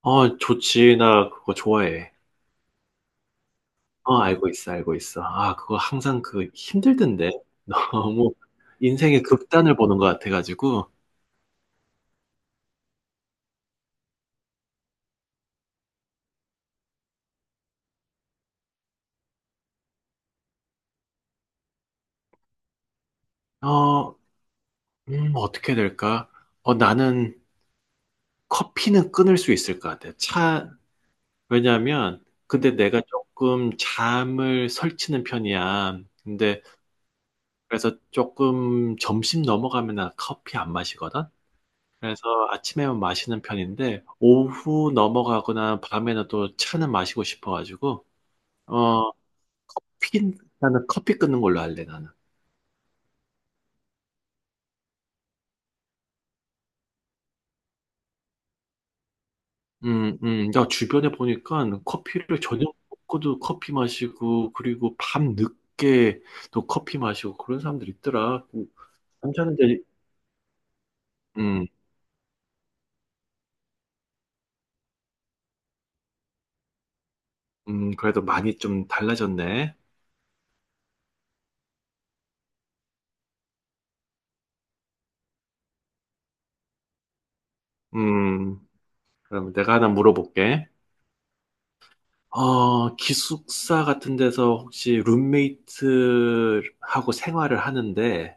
좋지. 나 그거 좋아해. 알고 있어, 알고 있어. 그거 항상 힘들던데. 너무 인생의 극단을 보는 것 같아가지고. 어, 어떻게 될까? 나는 커피는 끊을 수 있을 것 같아. 왜냐면, 근데 내가 조금 잠을 설치는 편이야. 근데, 그래서 조금 점심 넘어가면 나 커피 안 마시거든? 그래서 아침에만 마시는 편인데 오후 넘어가거나 밤에는 또 차는 마시고 싶어가지고 어 커피 나는 커피 끊는 걸로 할래 나는. 나 주변에 보니까 커피를 저녁 먹고도 커피 마시고 그리고 밤 늦게 또 커피 마시고 그런 사람들 있더라. 괜찮은데, 음, 그래도 많이 좀 달라졌네. 음, 그럼 내가 하나 물어볼게. 기숙사 같은 데서 혹시 룸메이트하고 생활을 하는데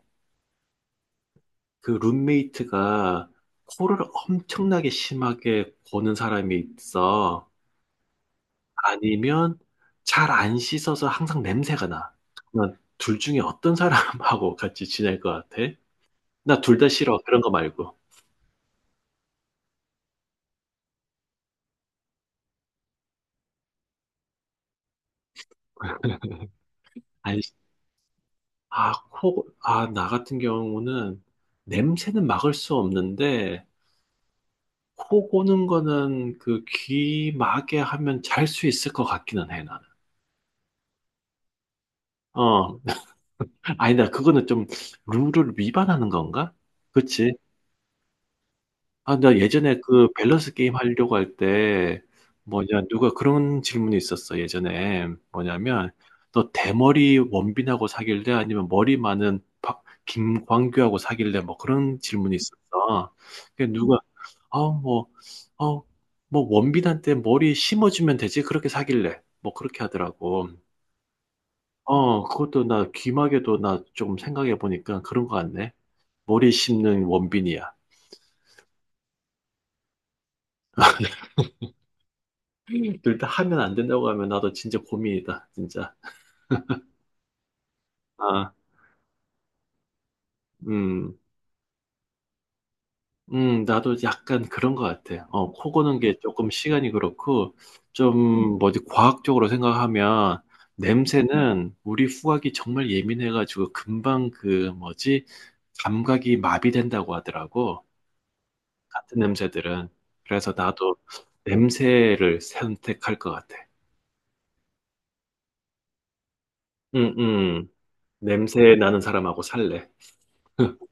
그 룸메이트가 코를 엄청나게 심하게 고는 사람이 있어. 아니면 잘 안 씻어서 항상 냄새가 나. 그러면 둘 중에 어떤 사람하고 같이 지낼 것 같아? 나 둘 다 싫어. 그런 거 말고. 아니, 나 같은 경우는 냄새는 막을 수 없는데 코 고는 거는 귀마개 하면 잘 수 있을 것 같기는 해, 나는. 어. 아니다, 그거는 좀 룰을 위반하는 건가? 그치? 나 예전에 그 밸런스 게임 하려고 할 때, 뭐냐, 누가 그런 질문이 있었어, 예전에. 뭐냐면, 너 대머리 원빈하고 사귈래? 아니면 머리 많은 김광규하고 사귈래? 뭐 그런 질문이 있었어. 그 누가, 아, 뭐, 어, 뭐 원빈한테 머리 심어주면 되지? 그렇게 사귈래? 뭐 그렇게 하더라고. 그것도 나 귀마개도 나 좀 생각해 보니까 그런 거 같네. 머리 심는 원빈이야. 둘 다 하면 안 된다고 하면 나도 진짜 고민이다, 진짜. 아, 음, 나도 약간 그런 것 같아. 코 고는 게 조금 시간이 그렇고, 좀 뭐지, 과학적으로 생각하면, 냄새는 우리 후각이 정말 예민해가지고 금방 뭐지, 감각이 마비된다고 하더라고. 같은 냄새들은. 그래서 나도 냄새를 선택할 것 같아. 음, 음. 냄새 나는 사람하고 살래.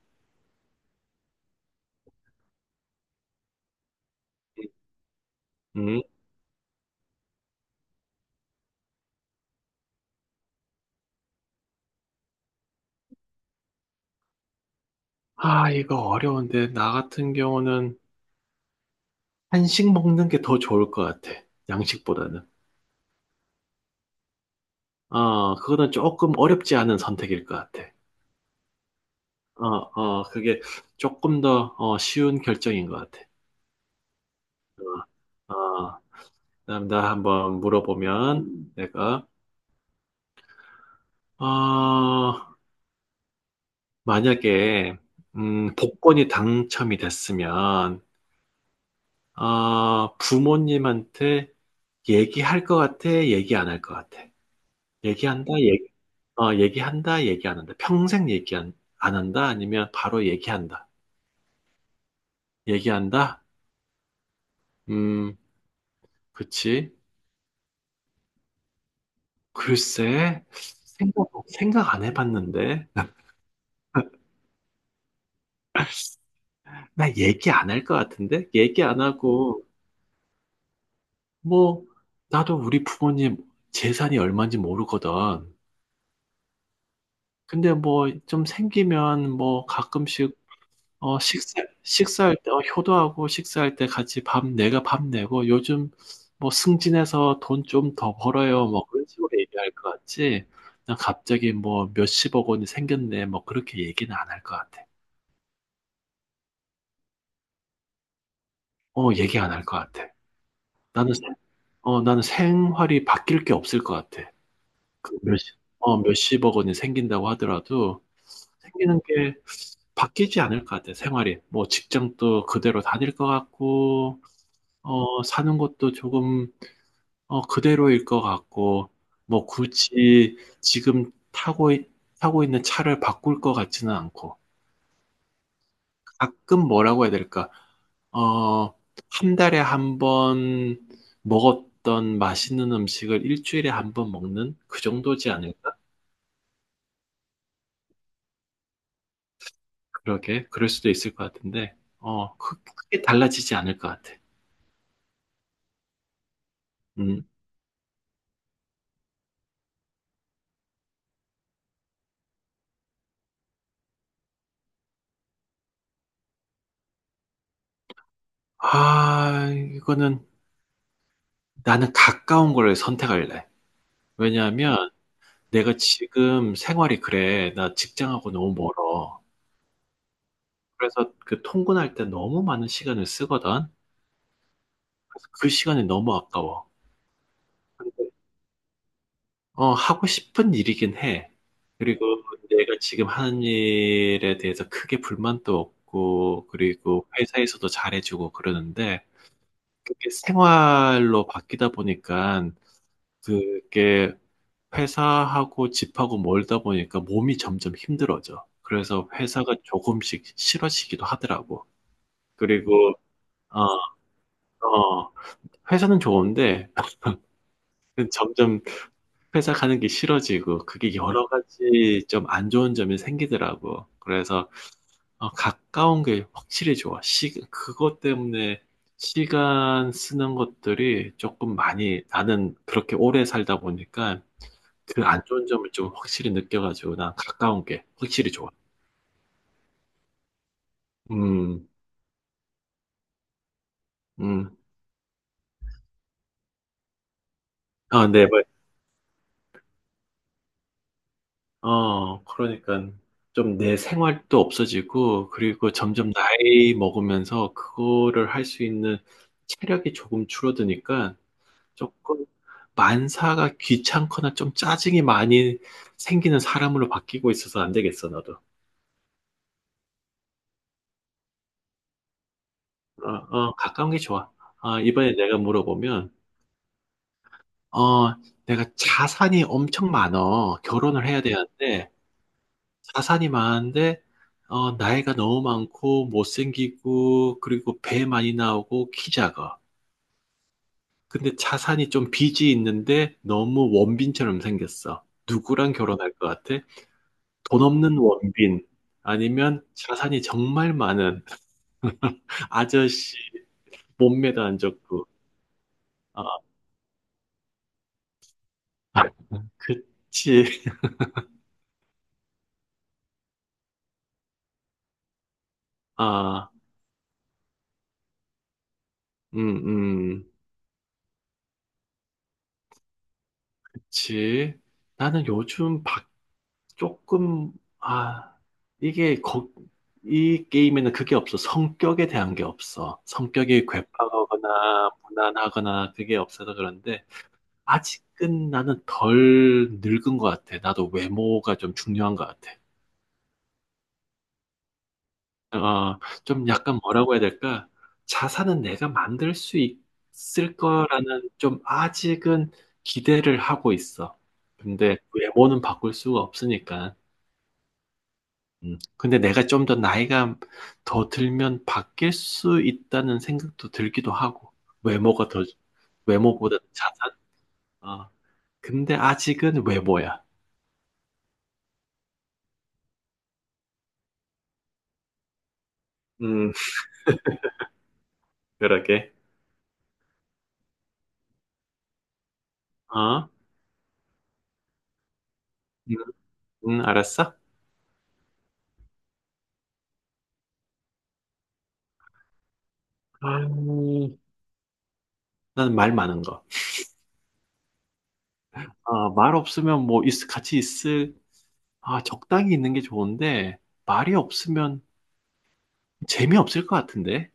음. 이거 어려운데, 나 같은 경우는 한식 먹는 게 더 좋을 것 같아. 양식보다는. 그거는 조금 어렵지 않은 선택일 것 같아. 그게 조금 더 쉬운 결정인 것 같아. 어, 어, 그다음 나 한번 물어보면 내가, 어, 만약에, 복권이 당첨이 됐으면, 부모님한테 얘기할 것 같아? 얘기 안 할 것 같아? 얘기한다? 얘기한다, 얘기 안 한다. 평생 얘기 안 한다? 아니면 바로 얘기한다. 얘기한다? 음, 그치. 글쎄, 생각 안 해봤는데. 나 얘기 안할 것 같은데? 얘기 안 하고, 뭐, 나도 우리 부모님 재산이 얼마인지 모르거든. 근데 뭐, 좀 생기면 뭐, 가끔씩 어, 식사, 식사할 때, 효도하고 식사할 때 같이 내가 밥 내고, 요즘 뭐 승진해서 돈 좀 더 벌어요. 뭐 그런 식으로 얘기할 것 같지. 난 갑자기 뭐 몇십억 원이 생겼네. 뭐 그렇게 얘기는 안 할 것 같아. 얘기 안 할 것 같아. 나는, 생- 나는 생활이 바뀔 게 없을 것 같아. 몇십억 원이 생긴다고 하더라도 생기는 게 바뀌지 않을 것 같아. 생활이. 뭐 직장도 그대로 다닐 것 같고, 사는 것도 조금 그대로일 것 같고, 뭐 굳이 지금 타고 있는 차를 바꿀 것 같지는 않고, 가끔 뭐라고 해야 될까? 어, 한 달에 한 번 먹었던 맛있는 음식을 일주일에 한 번 먹는 그 정도지 않을까? 그러게, 그럴 수도 있을 것 같은데, 크게 달라지지 않을 것 같아. 음. 아, 이거는 나는 가까운 걸 선택할래. 왜냐하면 내가 지금 생활이 그래. 나 직장하고 너무 멀어. 그래서 그 통근할 때 너무 많은 시간을 쓰거든. 그래서 그 시간이 너무 아까워. 하고 싶은 일이긴 해. 그리고 내가 지금 하는 일에 대해서 크게 불만도 없고, 그리고 회사에서도 잘해주고 그러는데, 그게 생활로 바뀌다 보니까, 그게 회사하고 집하고 멀다 보니까 몸이 점점 힘들어져. 그래서 회사가 조금씩 싫어지기도 하더라고. 그리고 어, 어, 회사는 좋은데 점점 회사 가는 게 싫어지고 그게 여러 가지 좀 안 좋은 점이 생기더라고. 그래서 가까운 게 확실히 좋아. 그것 때문에 시간 쓰는 것들이 조금 많이 나는 그렇게 오래 살다 보니까 그 안 좋은 점을 좀 확실히 느껴가지고 난 가까운 게 확실히 좋아. 음, 음. 아, 네. 그러니까 좀 내 생활도 없어지고, 그리고 점점 나이 먹으면서 그거를 할 수 있는 체력이 조금 줄어드니까 조금 만사가 귀찮거나 좀 짜증이 많이 생기는 사람으로 바뀌고 있어서 안 되겠어, 나도. 어, 가까운 게 좋아. 이번에 내가 물어보면, 어, 내가 자산이 엄청 많어. 결혼을 해야 되는데, 자산이 많은데, 나이가 너무 많고, 못생기고, 그리고 배 많이 나오고, 키 작아. 근데 자산이 좀 빚이 있는데, 너무 원빈처럼 생겼어. 누구랑 결혼할 것 같아? 돈 없는 원빈. 아니면 자산이 정말 많은 아저씨, 몸매도 안 좋고. 아, 그치. 아, 음, 음, 그치. 나는 요즘 박 조금, 아, 이게 거, 이 게임에는 그게 없어. 성격에 대한 게 없어. 성격이 괴팍하거나 무난하거나 그게 없어서 그런데 아직은 나는 덜 늙은 것 같아. 나도 외모가 좀 중요한 것 같아. 어, 좀 약간 뭐라고 해야 될까? 자산은 내가 만들 수 있을 거라는 좀 아직은 기대를 하고 있어. 근데 외모는 바꿀 수가 없으니까. 근데 내가 좀 더 나이가 더 들면 바뀔 수 있다는 생각도 들기도 하고, 외모가 더, 외모보다 자산? 어. 근데 아직은 외모야. 음, 그러게. 어? 음, 알았어? 음, 나는 말 많은 거. 말 없으면 뭐, 같이 있을. 적당히 있는 게 좋은데, 말이 없으면 재미없을 것 같은데?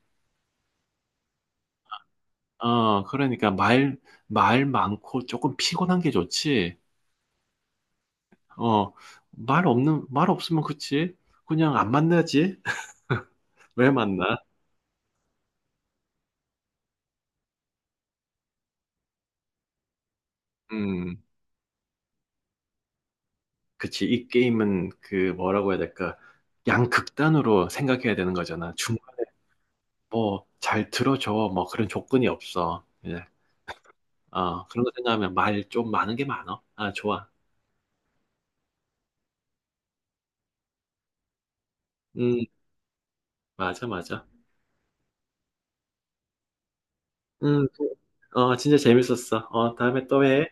그러니까 말 많고 조금 피곤한 게 좋지. 어, 말 없으면 그치. 그냥 안 만나지. 왜 만나? 음, 그치. 이 게임은 뭐라고 해야 될까? 양극단으로 생각해야 되는 거잖아. 중간에 뭐 잘 들어줘. 뭐 그런 조건이 없어. 예. 그런 거 생각하면 말 좀 많은 게 좋아. 음, 맞아, 맞아. 음, 그- 진짜 재밌었어. 다음에 또 해.